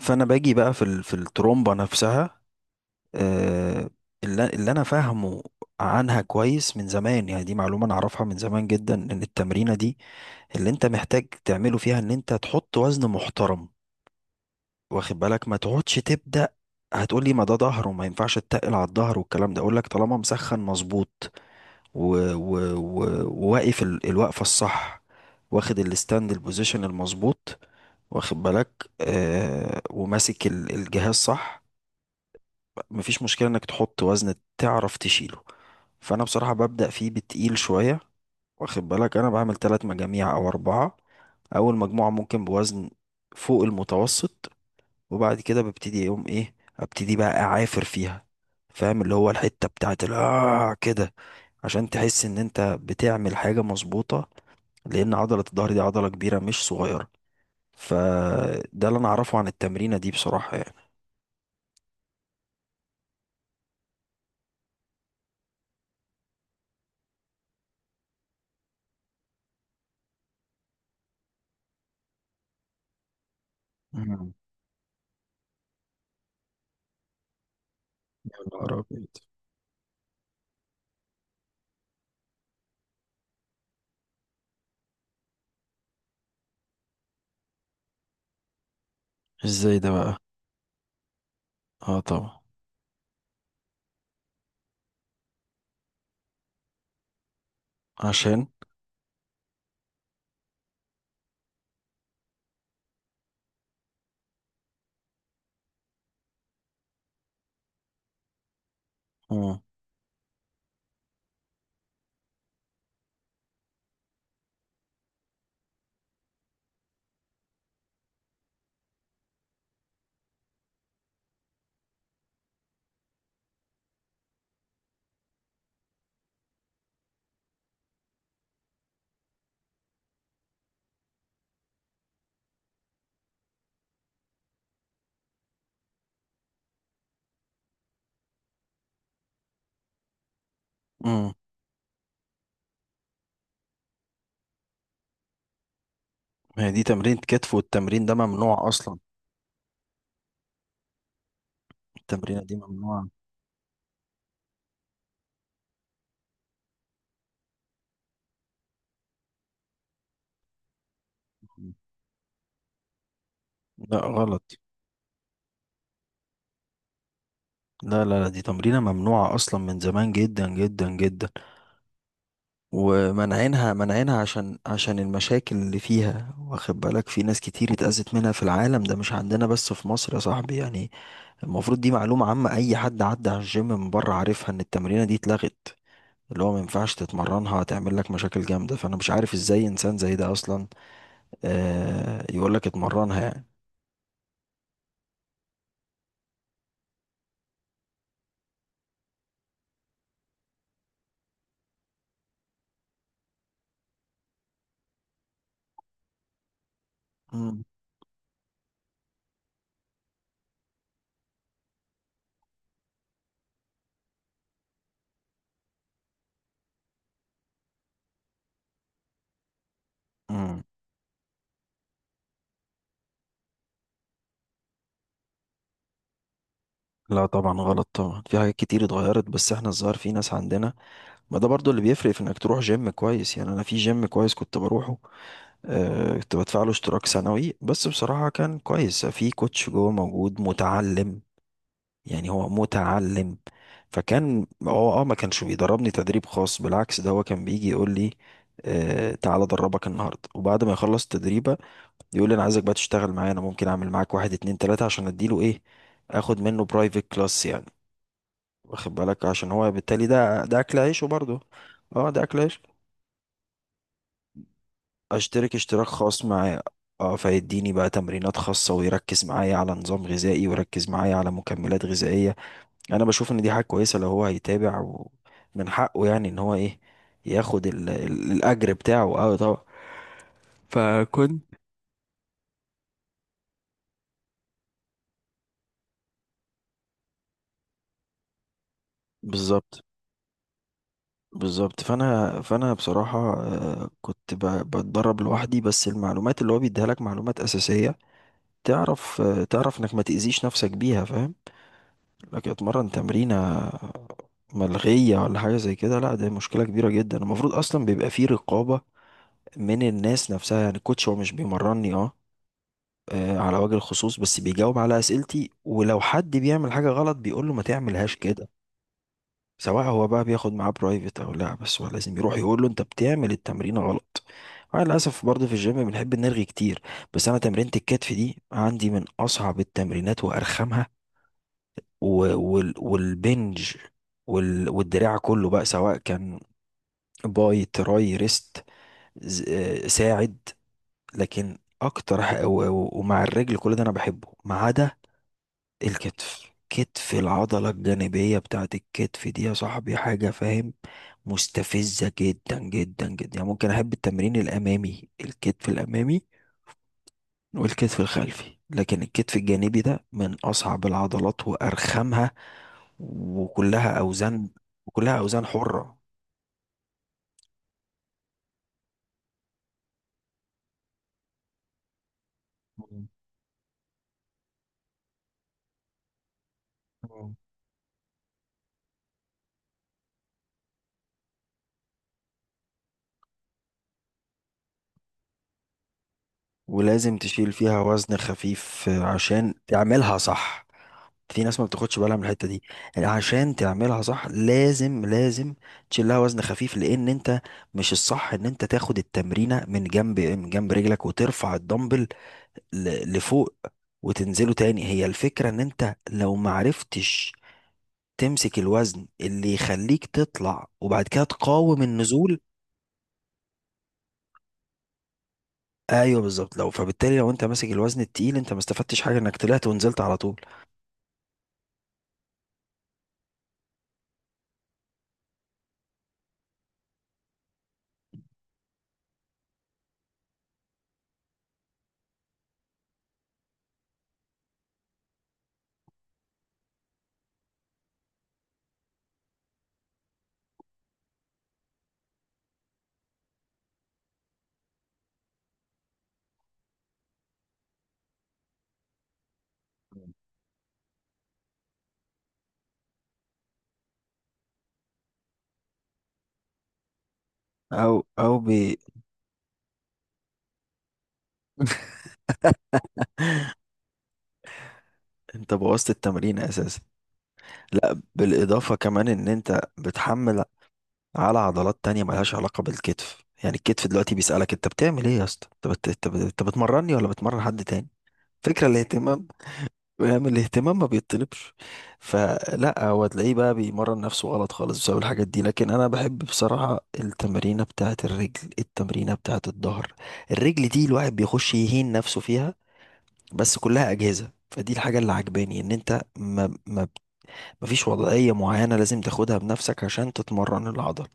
فانا باجي بقى في الترومبه نفسها، آه، اللي انا فاهمه عنها كويس من زمان. يعني دي معلومه انا اعرفها من زمان جدا، ان التمرينه دي اللي انت محتاج تعمله فيها ان انت تحط وزن محترم، واخد بالك، ما تقعدش تبدا. هتقولي ما ده ظهر وما ينفعش تتقل على الظهر والكلام ده. اقول لك طالما مسخن مظبوط وواقف الوقفه الصح، واخد الستاند البوزيشن المظبوط، واخد بالك، وماسك الجهاز صح، مفيش مشكلة انك تحط وزن تعرف تشيله. فانا بصراحة ببدأ فيه بتقيل شوية، واخد بالك. انا بعمل ثلاث مجاميع او اربعة. اول مجموعة ممكن بوزن فوق المتوسط، وبعد كده ببتدي يوم ايه، ابتدي بقى اعافر فيها، فاهم؟ اللي هو الحتة بتاعت كده عشان تحس ان انت بتعمل حاجة مظبوطة، لان عضلة الظهر دي عضلة كبيرة مش صغيرة. فده اللي انا اعرفه عن التمرينة دي بصراحة يعني. مم. يا نهار أبيض. إزاي ده بقى؟ آه طبعا. عشان. مم. مم. ما هي دي تمرين كتف، والتمرين ده ممنوع اصلا. التمرينه دي ممنوعه. لا، غلط. لا لا لا، دي تمرينه ممنوعه اصلا من زمان جدا جدا جدا، ومنعينها منعينها عشان عشان المشاكل اللي فيها، واخد بالك؟ في ناس كتير اتأذت منها في العالم، ده مش عندنا بس في مصر يا صاحبي يعني. المفروض دي معلومة عامة، أي حد عدى على الجيم من بره عارفها إن التمرينة دي اتلغت، اللي هو ما ينفعش تتمرنها، هتعمل لك مشاكل جامدة. فأنا مش عارف إزاي إنسان زي ده أصلا آه يقول لك اتمرنها يعني. مم. مم. لا طبعا غلط طبعا، في حاجات كتير اتغيرت، بس احنا الظاهر في ناس عندنا. ما ده برضو اللي بيفرق، في انك تروح جيم كويس يعني. انا في جيم كويس كنت بروحه، آه، كنت بدفع له اشتراك سنوي، بس بصراحة كان كويس، في كوتش جوه موجود متعلم، يعني هو متعلم. فكان هو اه ما كانش بيدربني تدريب خاص، بالعكس ده هو كان بيجي يقول لي آه تعالى ادربك النهارده، وبعد ما يخلص التدريب يقول لي انا عايزك بقى تشتغل معايا، انا ممكن اعمل معاك واحد اتنين تلاتة عشان اديله ايه، اخد منه برايفت كلاس يعني. واخد بالك؟ عشان هو بالتالي ده اكل عيشه برضه. اه، ده اكل عيشه. اشترك اشتراك خاص معايا، اه، فيديني بقى تمرينات خاصة، ويركز معايا على نظام غذائي، ويركز معايا على مكملات غذائية. انا بشوف ان دي حاجة كويسة لو هو هيتابع، ومن حقه يعني ان هو ايه، ياخد الاجر بتاعه، اه طبعا. فكنت بالظبط. بالظبط. فانا بصراحه، كنت بتدرب لوحدي، بس المعلومات اللي هو بيديها لك معلومات اساسيه، تعرف، تعرف انك ما تاذيش نفسك بيها، فاهم؟ لكن اتمرن تمرينه ملغيه ولا حاجه زي كده، لا ده مشكله كبيره جدا. المفروض اصلا بيبقى فيه رقابه من الناس نفسها يعني. الكوتش هو مش بيمرني اه، على وجه الخصوص، بس بيجاوب على اسئلتي، ولو حد بيعمل حاجه غلط بيقول له ما تعملهاش كده، سواء هو بقى بياخد معاه برايفت او لا. بس هو لازم يروح يقول له انت بتعمل التمرين غلط. انا للاسف برضه في الجيم بنحب نرغي كتير. بس انا تمرينة الكتف دي عندي من اصعب التمرينات وارخمها، والبنج والدراع كله بقى، سواء كان باي تراي ريست، ساعد. لكن اكتر ومع الرجل كل ده انا بحبه، ما عدا الكتف. كتف العضلة الجانبية بتاعت الكتف دي يا صاحبي حاجة، فاهم؟ مستفزة جدا جدا جدا، يعني ممكن أحب التمرين الأمامي، الكتف الأمامي والكتف الخلفي، لكن الكتف الجانبي ده من أصعب العضلات وأرخمها، وكلها أوزان، وكلها أوزان حرة. مم. مم. ولازم تشيل فيها وزن خفيف عشان تعملها صح. في ناس ما بتاخدش بالها من الحته دي، يعني عشان تعملها صح لازم لازم تشيل لها وزن خفيف، لان انت مش الصح ان انت تاخد التمرينه من جنب، من جنب رجلك، وترفع الدمبل لفوق وتنزله تاني. هي الفكرة ان انت لو معرفتش تمسك الوزن اللي يخليك تطلع، وبعد كده تقاوم النزول. ايوه بالظبط. لو فبالتالي لو انت ماسك الوزن التقيل، انت ما استفدتش حاجة، انك طلعت ونزلت على طول. او او بي انت بوظت التمرين اساسا. لا بالإضافة كمان إن أنت بتحمل على عضلات تانية ملهاش علاقة بالكتف، يعني الكتف دلوقتي بيسألك أنت بتعمل إيه يا اسطى؟ أنت بتمرني ولا بتمرن حد تاني؟ فكرة الاهتمام، يعني الاهتمام ما بيطلبش. فلا هو تلاقيه بقى بيمرن نفسه غلط خالص بسبب الحاجات دي. لكن أنا بحب بصراحة التمرينة بتاعة الرجل، التمرينة بتاعة الظهر. الرجل دي الواحد بيخش يهين نفسه فيها، بس كلها أجهزة. فدي الحاجة اللي عجباني، إن أنت ما ما مفيش وضعية معينة لازم تاخدها بنفسك عشان تتمرن العضلة،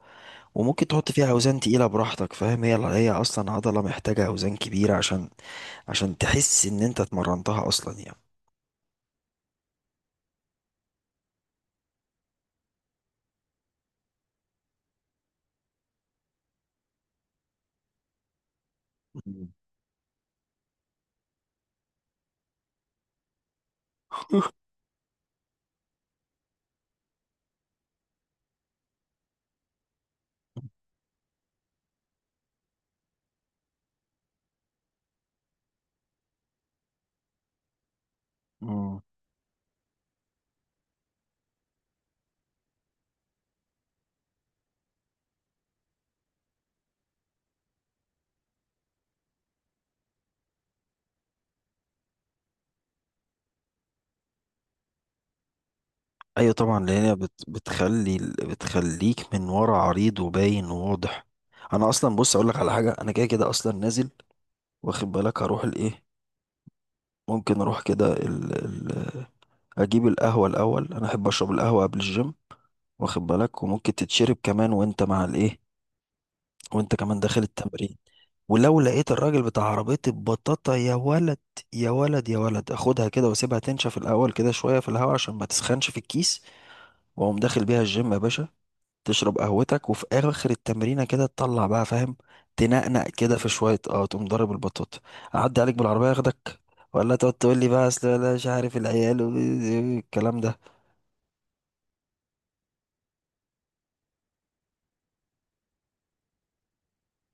وممكن تحط فيها أوزان تقيلة براحتك، فاهم؟ هي أصلا عضلة محتاجة أوزان كبيرة عشان عشان تحس إن أنت اتمرنتها أصلا يعني. مم. مم. أيوة طبعا، لأن هي بتخلي بتخليك من ورا عريض وباين وواضح. أنا أصلا، بص أقولك على حاجة، أنا كده كده أصلا نازل، واخد بالك؟ هروح الإيه، ممكن أروح كده ال ال أجيب القهوة الأول، أنا أحب أشرب القهوة قبل الجيم، واخد بالك؟ وممكن تتشرب كمان وأنت مع الإيه، وانت كمان داخل التمرين. ولو لقيت الراجل بتاع عربية البطاطا، يا ولد يا ولد يا ولد، اخدها كده واسيبها تنشف الاول كده شوية في الهواء عشان ما تسخنش في الكيس، واقوم داخل بيها الجيم يا باشا. تشرب قهوتك، وفي اخر التمرينة كده تطلع بقى، فاهم؟ تنقنق كده في شوية، اه تقوم ضارب البطاطا. اعدي عليك بالعربية اخدك، ولا تقعد تقول لي بقى اصل لا مش عارف العيال والكلام ده.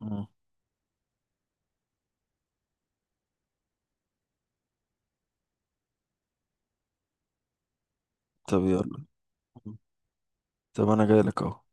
مم. طب يلا. مم. طب انا جاي لك اهو.